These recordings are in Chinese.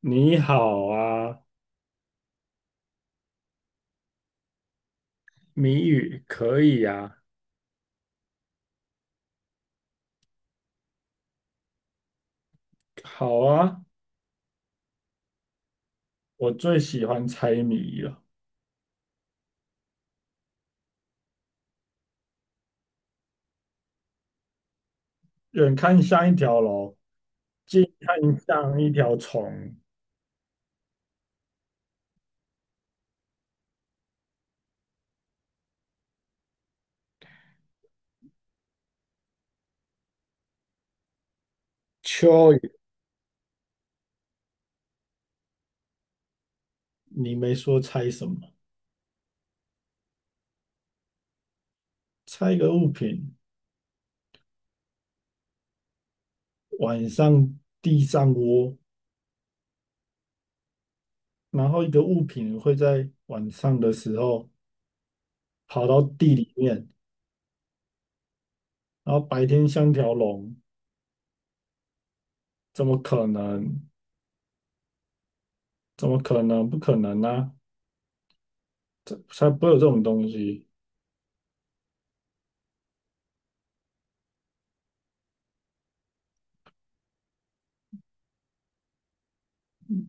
你好啊，谜语可以啊，好啊，我最喜欢猜谜了。远看像一条龙，近看像一条虫。蚯蚓，你没说猜什么？猜一个物品，晚上地上窝，然后一个物品会在晚上的时候跑到地里面，然后白天像条龙，怎么可能？怎么可能？不可能啊！才不会有这种东西。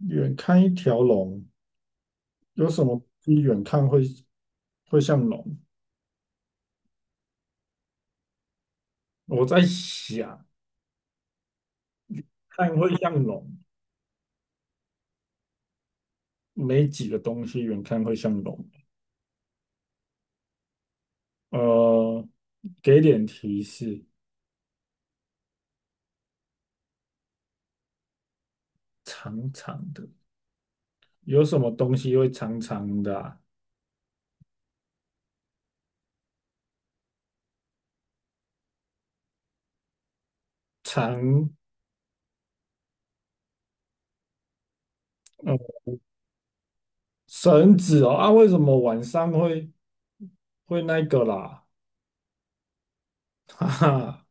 远看一条龙。有什么东西远看会像龙？我在想，看会像龙，没几个东西远看会像龙。呃，给点提示，长长的，有什么东西会长长的啊长，呃，绳子哦啊？为什么晚上会那个啦？哈哈，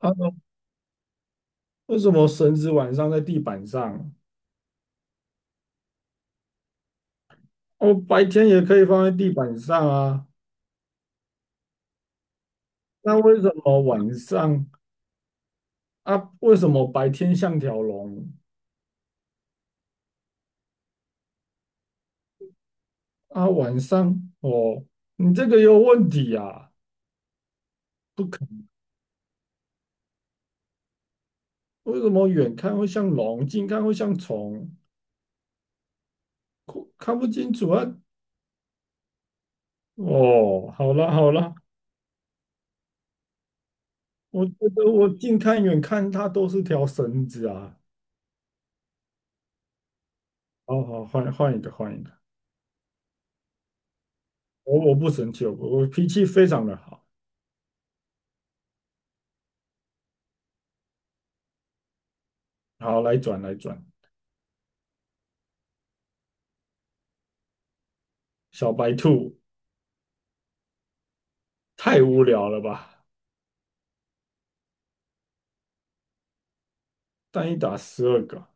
啊，为什么绳子晚上在地板上？哦，白天也可以放在地板上啊。那为什么晚上？啊，为什么白天像条龙啊，晚上哦，你这个有问题啊？不可能，为什么远看会像龙，近看会像虫？看看不清楚啊。哦，好了好了，我觉得我近看远看它都是条绳子啊。好好，换一个换一个，我不生气，我脾气非常的好。好，来转来转，小白兔太无聊了吧？单一打12个，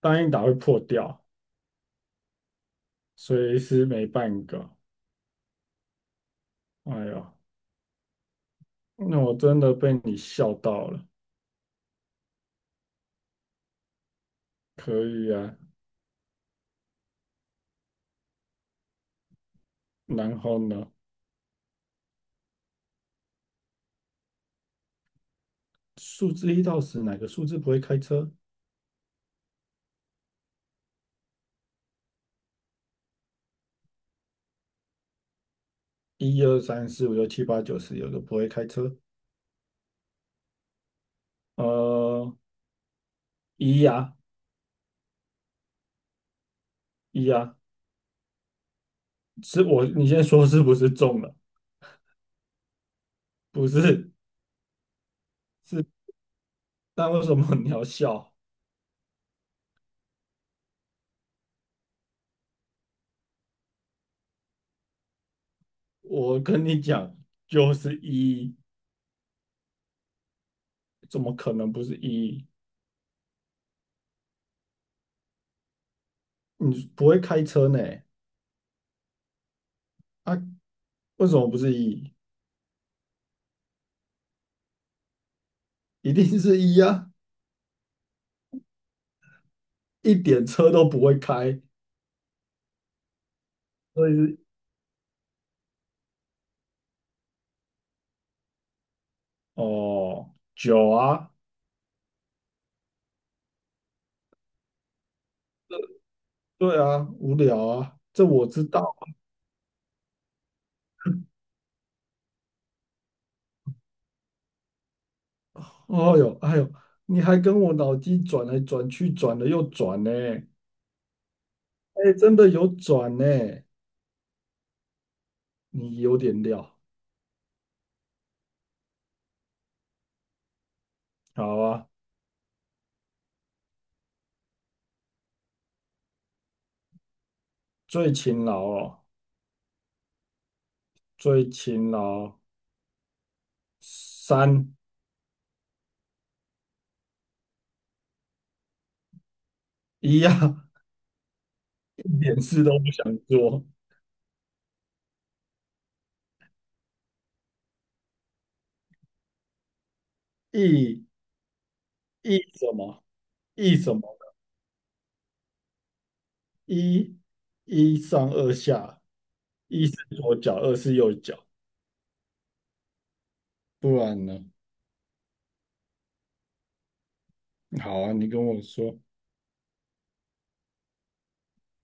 单一打会破掉，所以是每半个。哎呦，那我真的被你笑到了。可以啊，然后呢？数字1到10，哪个数字不会开车？一二三四五六七八九十，有个不会开车。呃，一呀、一呀、是我，你先说是不是中了？不是，是，那为什么你要笑？我跟你讲，就是一，怎么可能不是一？你不会开车呢？啊，为什么不是一？一定是一呀、一点车都不会开，所以哦，酒啊，对啊，无聊啊，这我知道。哦哟，哎呦，你还跟我脑筋转来转去，转了又转呢。哎，真的有转呢，你有点料。好啊，最勤劳哦，最勤劳三一呀、一点事都不想做。一什么？一什么？一一上二下，一是左脚，二是右脚，不然呢？好啊，你跟我说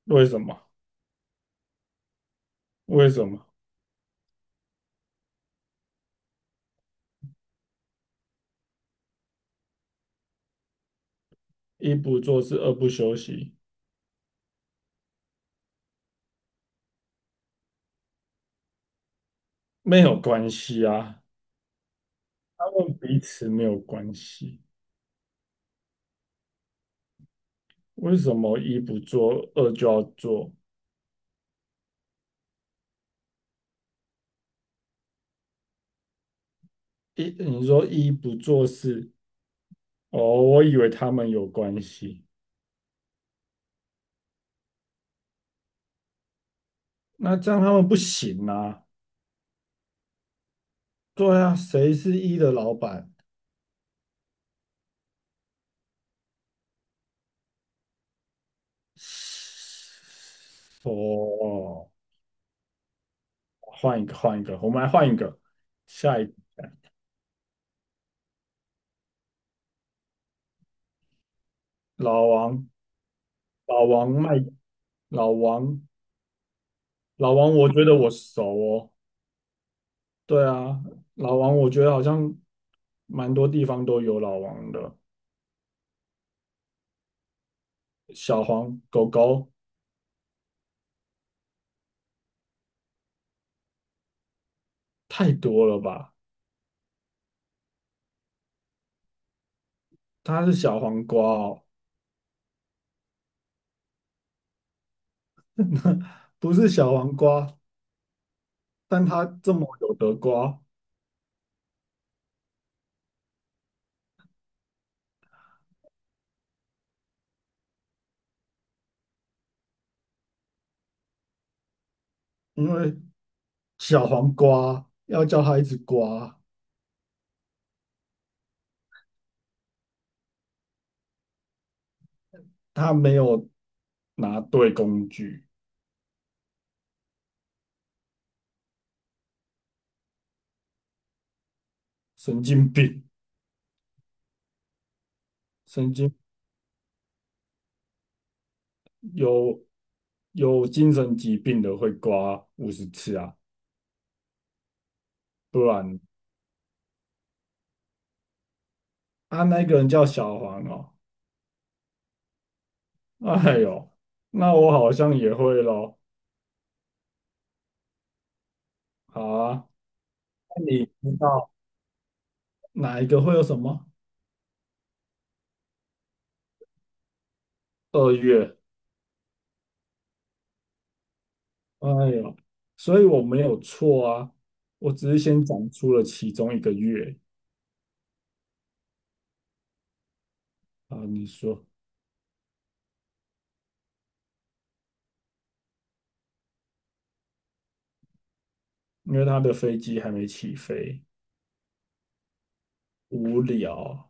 为什么？为什么一不做事二不休息没有关系啊？他们彼此没有关系。为什么一不做二就要做？一你说一不做事，哦，我以为他们有关系，那这样他们不行啊。对啊，谁是一的老板？哦，换一个，换一个，我们来换一个。下一个老王，老王卖，老王老王，我觉得我熟哦。对啊，老王，我觉得好像蛮多地方都有老王的。小黄狗狗太多了吧？它是小黄瓜哦，不是小黄瓜，但它这么有得瓜，因为小黄瓜要叫它一直刮，它没有拿对工具，神经病，神经有有精神疾病的会刮50次啊，不然。啊，那个人叫小黄哦。哎呦，那我好像也会咯。好啊，那你知道哪一个会有什么？2月。哎呦，所以我没有错啊，我只是先讲出了其中一个月啊。你说，因为他的飞机还没起飞。无聊，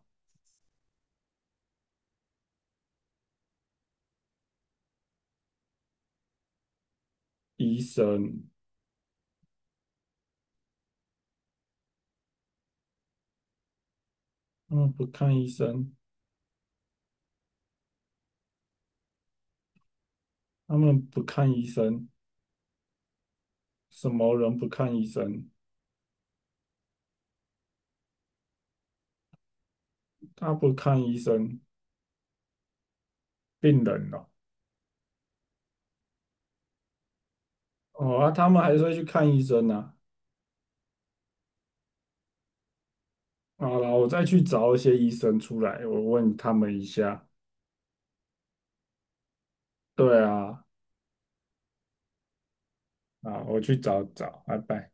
医生，他们不看医生，他们不看医生，什么人不看医生？他不看医生，病人哦。哦啊，他们还是会去看医生呢、好了，我再去找一些医生出来，我问他们一下。对啊，啊，我去找找，拜拜。